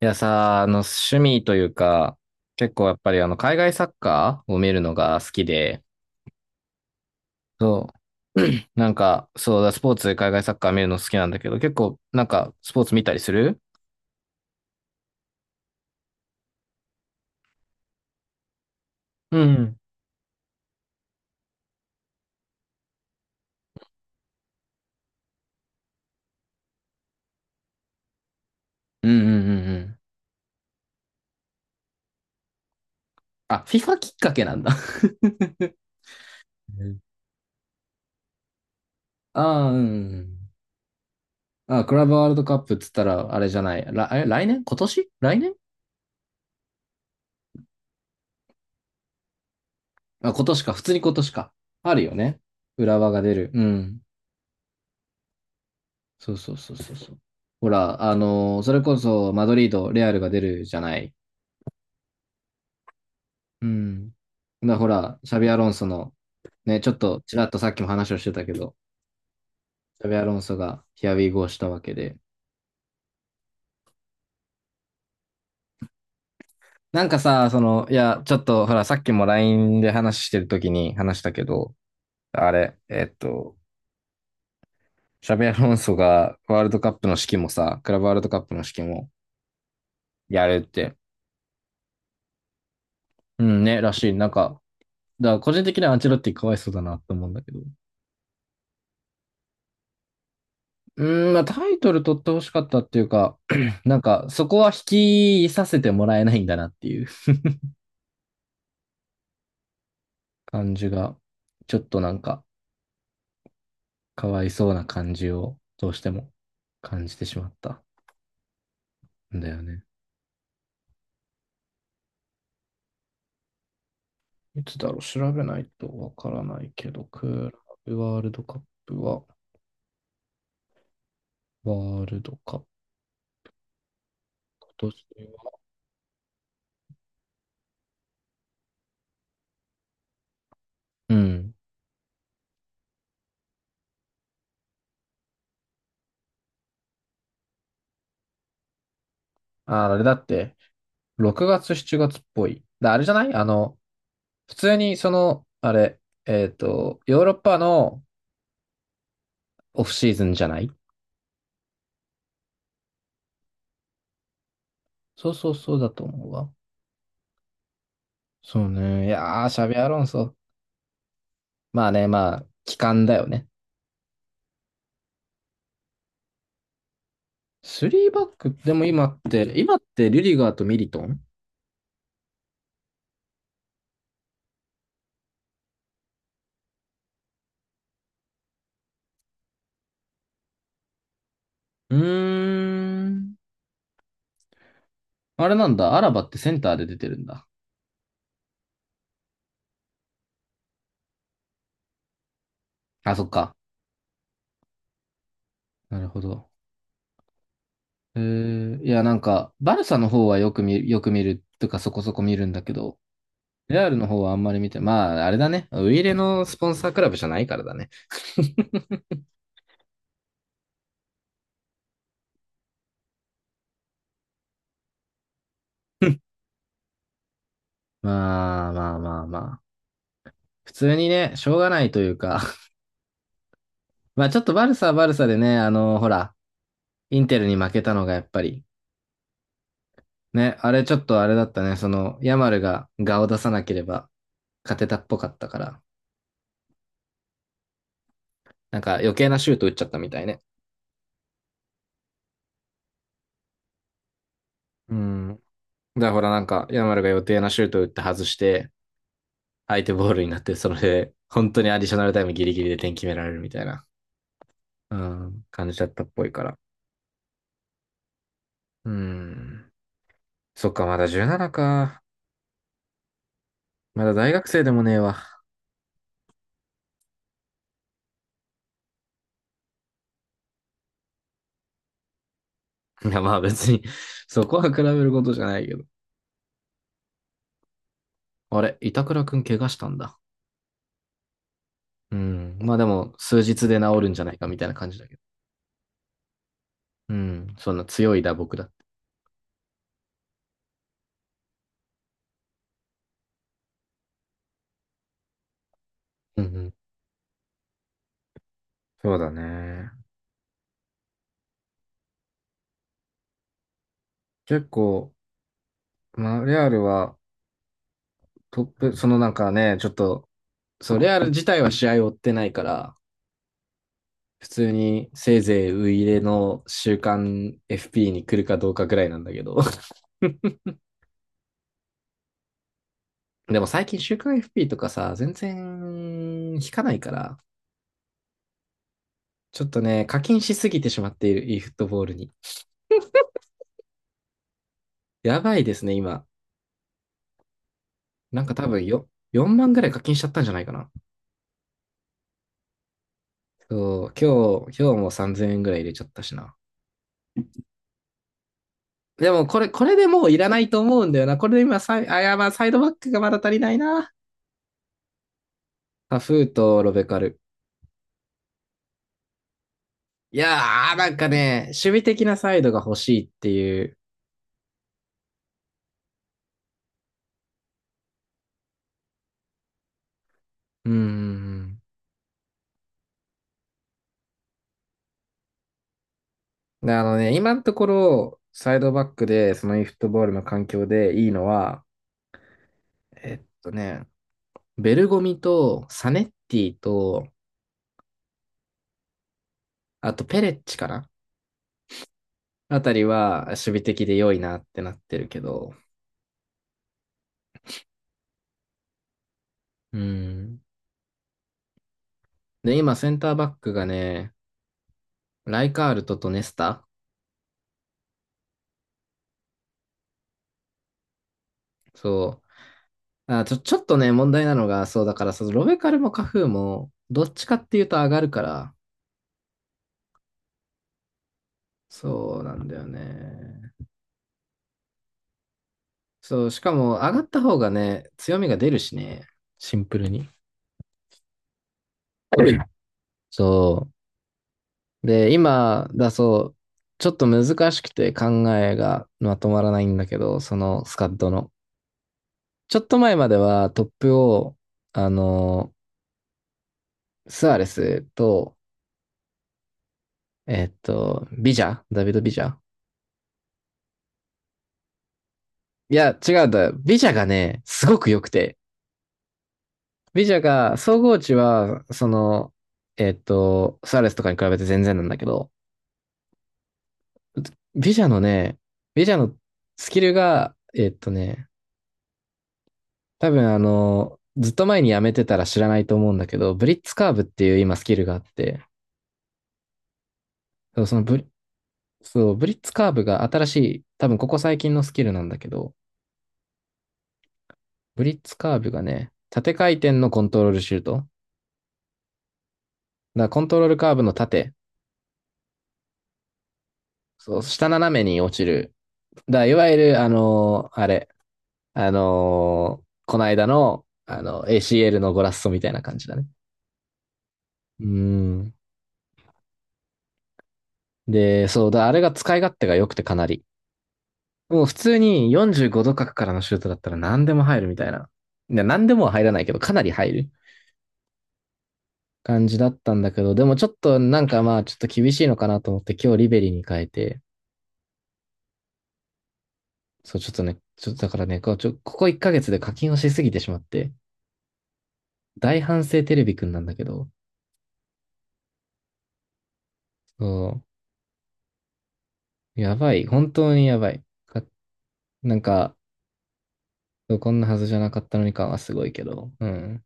いやさ、趣味というか、結構やっぱり海外サッカーを見るのが好きで、そう。そうだ、スポーツで海外サッカー見るの好きなんだけど、結構、スポーツ見たりする。うんうんうんうんうん。あ、FIFA きっかけなんだ。ああ、うん。あ、クラブワールドカップっつったら、あれじゃない。ら、え、来年今年来年。あ、今年か。普通に今年か。あるよね。浦和が出る。うん。そうそうそうそうそう。ほら、それこそマドリード、レアルが出るじゃない。うん。だほら、シャビアロンソの、ね、ちょっとちらっとさっきも話をしてたけど、シャビアロンソがヒアウィーゴーしたわけで。なんかさ、その、いや、ちょっとほら、さっきも LINE で話してる時に話したけど、あれ、シャビアロンソがワールドカップの指揮もさ、クラブワールドカップの指揮もやるって、うんね、らしい。だから個人的にはアンチェロッティかわいそうだなって思うんだけど。うーん、まあ、タイトル取ってほしかったっていうか、そこは引きさせてもらえないんだなっていう感じが、ちょっとなんか、かわいそうな感じを、どうしても感じてしまったんだよね。いつだろう、調べないとわからないけど、クーラブワールドカップは、ワールドカップ、今年は。うん。あ、あれだって、6月、7月っぽい。だあれじゃないあの、普通にその、あれ、ヨーロッパの、オフシーズンじゃない。そうそうそうだと思うわ。そうね。いやー、シャビアロンソ。まあね、まあ、期間だよね。スリーバック、でも今って、リュディガーとミリトン。うーん。あれなんだ、アラバってセンターで出てるんだ。あ、そっか。なるほど。えー、いや、なんか、バルサの方はよく見、よく見るとかそこそこ見るんだけど、レアルの方はあんまり見て、まあ、あれだね。ウイイレのスポンサークラブじゃないからだね。まあまあまあまあ。普通にね、しょうがないというか、まあちょっとバルサはバルサでね、あの、ほら、インテルに負けたのがやっぱり、ね、あれちょっとあれだったね、その、ヤマルが顔を出さなければ勝てたっぽかったから、なんか余計なシュート打っちゃったみたいね。うん。だからほらなんか、ヤマルが予定なシュート打って外して、相手ボールになって、それで、本当にアディショナルタイムギリギリで点決められるみたいな、うん、感じだったっぽいから。うん。そっか、まだ17か。まだ大学生でもねえわ。いや、まあ別にそこは比べることじゃないけど。あれ、板倉くん怪我したんだ。うん。まあでも、数日で治るんじゃないかみたいな感じだけど。うん。そんな強い打撲だって。うんうん。そうだね。結構、まあ、レアルはトップ、そのなんかね、ちょっと、そう、レアル自体は試合を追ってないから、普通にせいぜいウイイレの週刊 FP に来るかどうかぐらいなんだけど。でも最近週刊 FP とかさ、全然引かないから、ちょっとね、課金しすぎてしまっている e フットボールに。やばいですね、今。なんか多分よ、4万ぐらい課金しちゃったんじゃないかな。そう、今日も3000円ぐらい入れちゃったしな。でもこれでもういらないと思うんだよな。これで今サイ、あ、いや、まあサイドバックがまだ足りないな。タフーとロベカル。いやー、なんかね、守備的なサイドが欲しいっていう。うーん。で、あのね、今のところ、サイドバックで、その e フットボールの環境でいいのは、えっとね、ベルゴミとサネッティと、あとペレッチかな、あたりは守備的で良いなってなってるけど。うん。で、今、センターバックがね、ライカールトとネスタ、そう。あ、ちょっとね、問題なのが、そう、だから、そのロベカルもカフーも、どっちかっていうと上がるから、そうなんだよね。そう、しかも上がった方がね、強みが出るしね、シンプルに。そう。で、今だそう、ちょっと難しくて考えがまとまらないんだけど、そのスカッドの。ちょっと前まではトップを、あの、スアレスと、ビジャ、ダビド・ビジャ。いや、違うんだ。ビジャがね、すごく良くて。ビジャが、総合値は、その、スアレスとかに比べて全然なんだけど、ビジャのね、ビジャのスキルが、多分あの、ずっと前にやめてたら知らないと思うんだけど、ブリッツカーブっていう今スキルがあって、そのブリそう、ブリッツカーブが新しい、多分ここ最近のスキルなんだけど、ブリッツカーブがね、縦回転のコントロールシュート。だからコントロールカーブの縦、そう、下斜めに落ちる。だからいわゆる、あのーあれ、あのーこの間の、あの、ACL のゴラッソみたいな感じだね。うーん。で、そうだ、あれが使い勝手が良くてかなり。もう普通に45度角からのシュートだったら何でも入るみたいな。いや、何でもは入らないけど、かなり入る感じだったんだけど、でもちょっとなんかまあちょっと厳しいのかなと思って今日リベリに変えて、そうちょっとね、ちょっとだからね、こうちょここ1ヶ月で課金をしすぎてしまって、大反省テレビくんなんだけど、そう、やばい、本当にやばい。かなんか、こんなはずじゃなかったのに感はすごいけど、うん。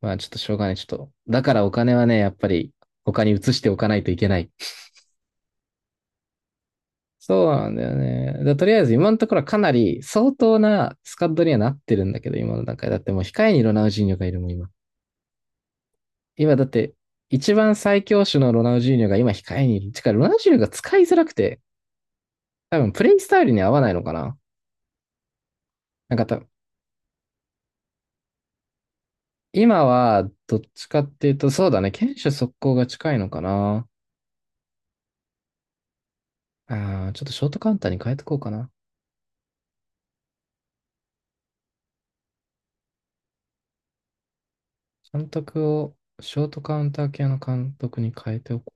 まあちょっとしょうがない、ちょっと。だからお金はね、やっぱり他に移しておかないといけない。そうなんだよね。でとりあえず今のところはかなり相当なスカッドにはなってるんだけど、今の段階。だってもう控えにロナウジーニョがいるもん、今。今だって、一番最強種のロナウジーニョが今控えにいる。てか、ロナウジーニョが使いづらくて、多分プレイスタイルに合わないのかな。なんかた、今はどっちかっていうと、そうだね、堅守速攻が近いのかな。ああ、ちょっとショートカウンターに変えてこうかな。監督を、ショートカウンター系の監督に変えておこ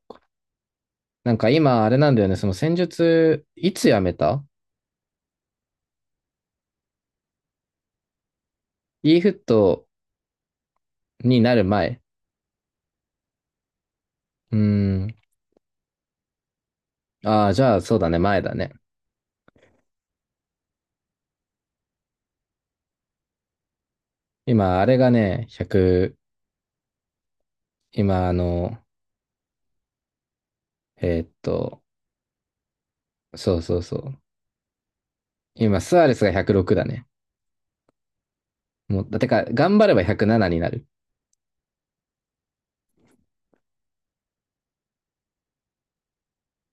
う。なんか今、あれなんだよね、その戦術、いつやめた e フットになる前。うーん。ああ、じゃあそうだね、前だね。今、あれがね、100、今、あの、えーっと、そうそうそう。今、スアレスが106だね。もう、てか、頑張れば107になる。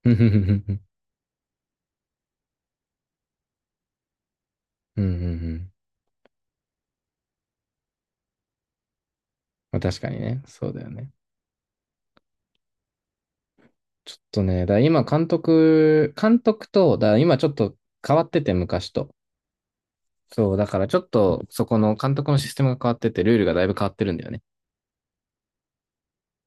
うんうんうんうんうん。まあ確かにね、そうだよね。ちょっとね、だから今、監督と、だから今ちょっと変わってて、昔と。そう、だからちょっと、そこの監督のシステムが変わってて、ルールがだいぶ変わってるんだよね。